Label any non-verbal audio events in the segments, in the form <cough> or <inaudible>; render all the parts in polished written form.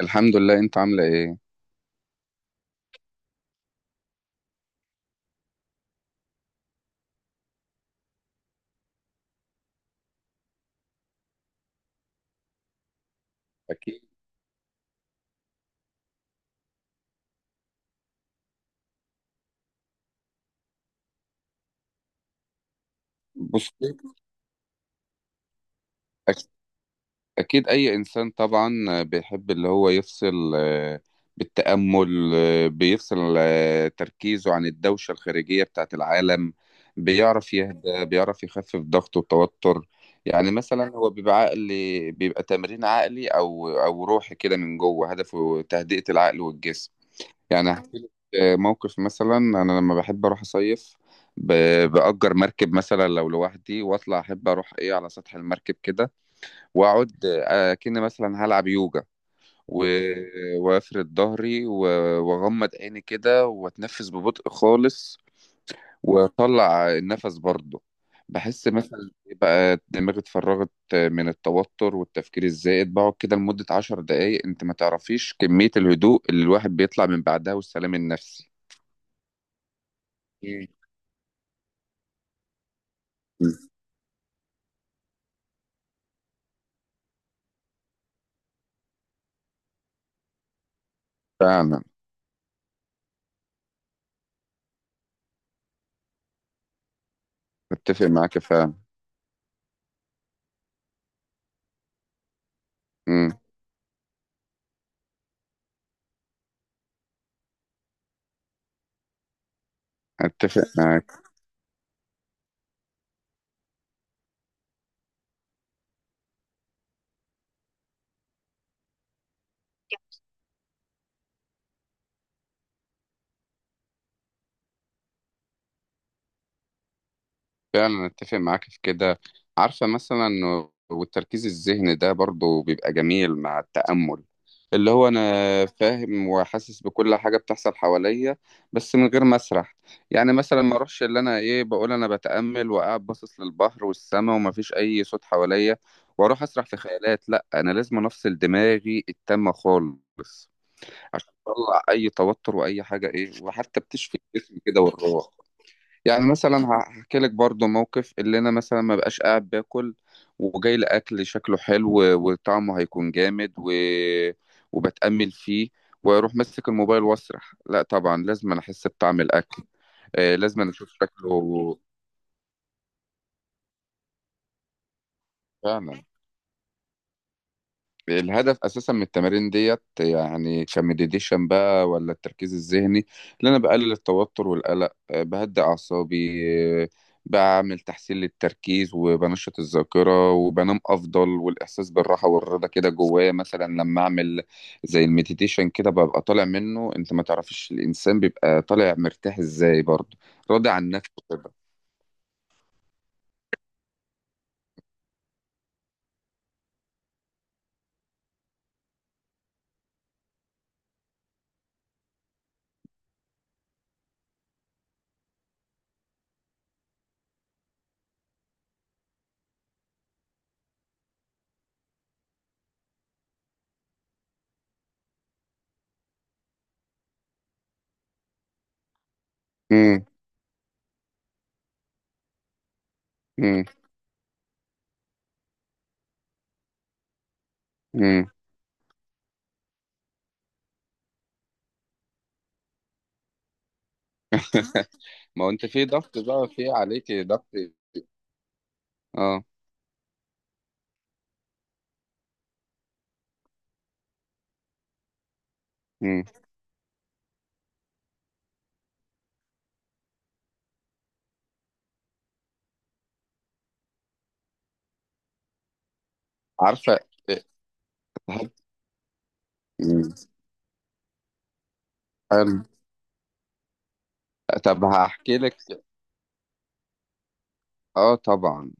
الحمد لله. انت عامله ايه؟ اكيد. بص. أك- اكيد اي انسان طبعا بيحب اللي هو يفصل بالتامل. بيفصل تركيزه عن الدوشه الخارجيه بتاعت العالم. بيعرف يهدى، بيعرف يخفف ضغطه وتوتر. يعني مثلا هو بيبقى عقلي، بيبقى تمرين عقلي او روحي كده من جوه، هدفه تهدئه العقل والجسم. يعني هحكي لك موقف. مثلا انا لما بحب اروح اصيف، بأجر مركب مثلا لو لوحدي، واطلع احب اروح ايه على سطح المركب كده، واقعد كأني مثلا هلعب يوجا، و- وافرد ظهري واغمض عيني كده واتنفس ببطء خالص، واطلع النفس برضه. بحس مثلا إيه بقى دماغي اتفرغت من التوتر والتفكير الزائد. بقعد كده لمدة 10 دقايق، انت ما تعرفيش كمية الهدوء اللي الواحد بيطلع من بعدها والسلام النفسي. مم. فعلا. اتفق معاك فعلا. مم. اتفق معاك. فعلا اتفق معاك في كده. عارفة مثلا والتركيز الذهني ده برضو بيبقى جميل مع التأمل. اللي هو انا فاهم وحاسس بكل حاجة بتحصل حواليا، بس من غير ما اسرح. يعني مثلا ما اروحش اللي انا ايه بقول انا بتأمل وقاعد باصص للبحر والسماء ومفيش اي صوت حواليا، واروح اسرح في خيالات. لا، انا لازم افصل دماغي التامة خالص عشان تطلع اي توتر واي حاجه ايه، وحتى بتشفي الجسم كده والروح. يعني مثلا هحكي لك برضو موقف. اللي انا مثلا ما بقاش قاعد باكل وجاي لاكل شكله حلو وطعمه هيكون جامد وبتامل فيه، واروح ماسك الموبايل واسرح. لا طبعا لازم انا احس بطعم الاكل. آه، لازم انا اشوف شكله. فعلا. الهدف اساسا من التمارين ديت، يعني كمديتيشن بقى ولا التركيز الذهني، اللي انا بقلل التوتر والقلق بهدي اعصابي آه، بعمل تحسين للتركيز وبنشط الذاكره وبنام افضل والاحساس بالراحه والرضا كده جوايا. مثلا لما اعمل زي المديتيشن كده ببقى طالع منه، انت ما تعرفش الانسان بيبقى طالع مرتاح ازاي برضه، راضي عن نفسه كده. امم. امم. امم. <laughs> ما هو انت في ضغط بقى، في عليك ضغط. اه. مم. عارفة. إيه، هل- مم. حلو. طب هحكي لك. اه طبعا.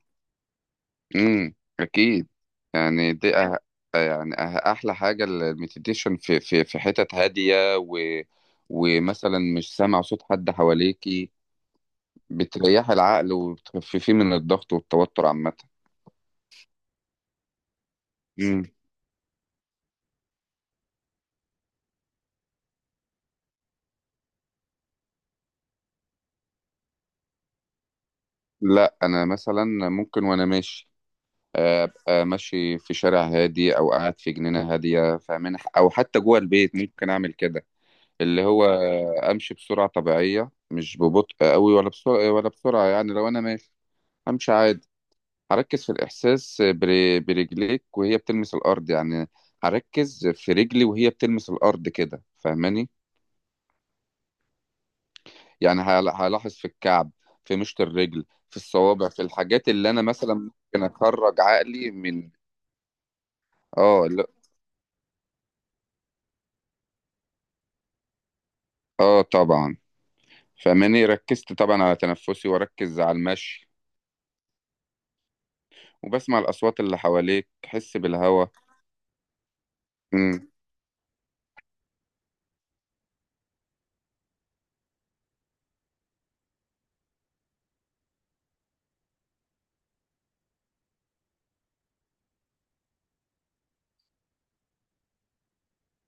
امم. اكيد. يعني دي يعني احلى حاجة المديتيشن في حتت هادية ومثلا مش سامع صوت حد حواليكي، بتريح العقل وبتخففيه من الضغط والتوتر عامة. مم. لا انا مثلا ممكن وانا ماشي ابقى ماشي في شارع هادي، او قاعد في جنينة هادية فاهمين، او حتى جوه البيت ممكن اعمل كده. اللي هو امشي بسرعه طبيعيه، مش ببطء قوي ولا بسرعه ولا بسرعه. يعني لو انا ماشي همشي عادي، هركز في الاحساس برجليك وهي بتلمس الارض. يعني هركز في رجلي وهي بتلمس الارض كده، فاهماني؟ يعني هلاحظ في الكعب، في مشط الرجل، في الصوابع، في الحاجات اللي انا مثلا ممكن اخرج عقلي من. اه لا، اه طبعا. فاهماني، ركزت طبعا على تنفسي واركز على المشي وبسمع الاصوات اللي حواليك، حس بالهواء.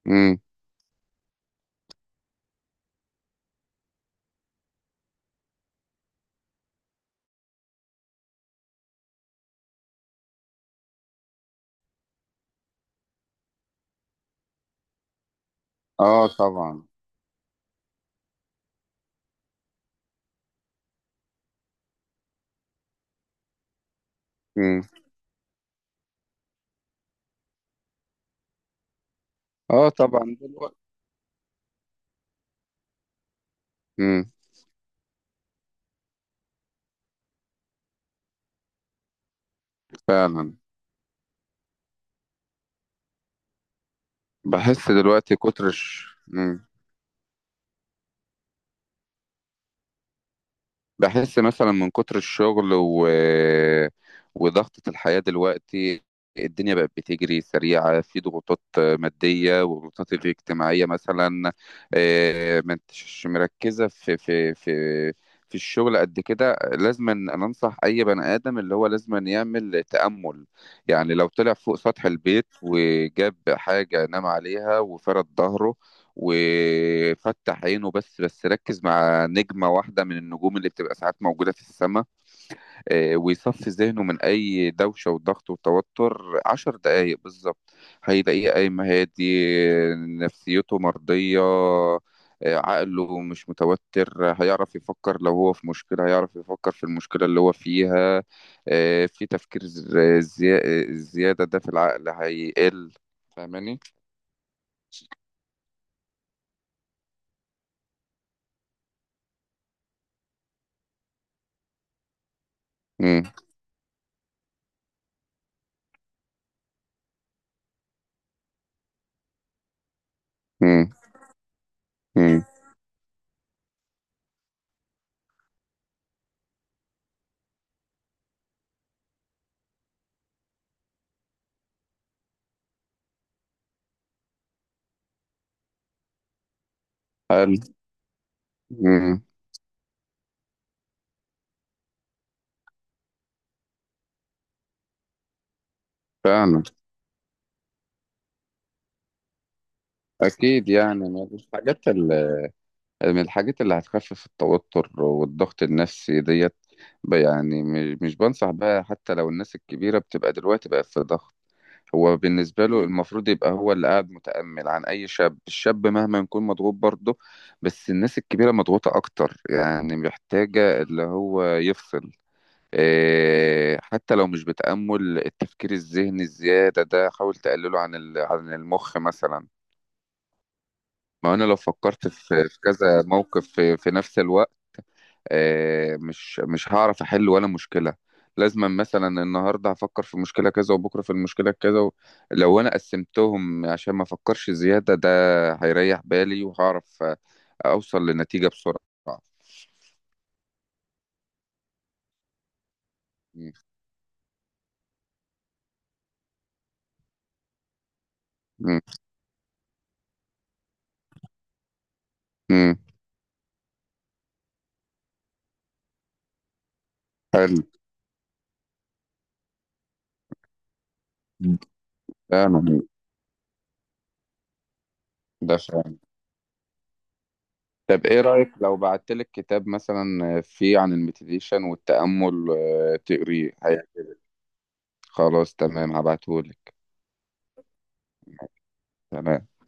امم. اه طبعا. امم. اه طبعا دلوقتي. امم. فعلا. بحس دلوقتي كتر الش... مم. بحس مثلا من كتر الشغل وضغطة الحياة دلوقتي. الدنيا بقت بتجري سريعة، في ضغوطات مادية وضغوطات اجتماعية مثلا. ما انتش مركزة في في الشغل قد كده. لازم أن أنا أنصح أي بني آدم اللي هو لازم أن يعمل تأمل. يعني لو طلع فوق سطح البيت وجاب حاجة نام عليها وفرد ظهره وفتح عينه، بس بس ركز مع نجمة واحدة من النجوم اللي بتبقى ساعات موجودة في السماء، ويصفي ذهنه من أي دوشة وضغط وتوتر 10 دقايق بالظبط، هيلاقيه قايم هادي، نفسيته مرضية، عقله مش متوتر، هيعرف يفكر. لو هو في مشكلة هيعرف يفكر في المشكلة اللي هو فيها، في تفكير زيادة ده في العقل هيقل. فاهماني؟ مم، مم، مم. مم. فعلا. أكيد. يعني من الحاجات من الحاجات اللي هتخفف التوتر والضغط النفسي ديت. يعني مش بنصح بها. حتى لو الناس الكبيرة بتبقى دلوقتي بقى في ضغط، هو بالنسبة له المفروض يبقى هو اللي قاعد متأمل. عن أي شاب، الشاب مهما يكون مضغوط برضه، بس الناس الكبيرة مضغوطة أكتر يعني، محتاجة اللي هو يفصل. إيه، حتى لو مش بتأمل، التفكير الذهني الزيادة ده حاول تقلله عن عن المخ مثلا. ما انا لو فكرت في كذا موقف في, في نفس الوقت، مش هعرف احل ولا مشكله. لازم مثلا النهارده هفكر في مشكله كذا، وبكره في المشكله كذا لو انا قسمتهم عشان ما افكرش زياده ده، هيريح بالي وهعرف اوصل لنتيجه بسرعه. مم. مم. مم. حلو. فعلا. ده فعلا. طب ايه رايك لو بعتلك كتاب مثلا فيه عن المديتيشن والتامل تقريه خلاص تمام، هبعتهولك. تمام.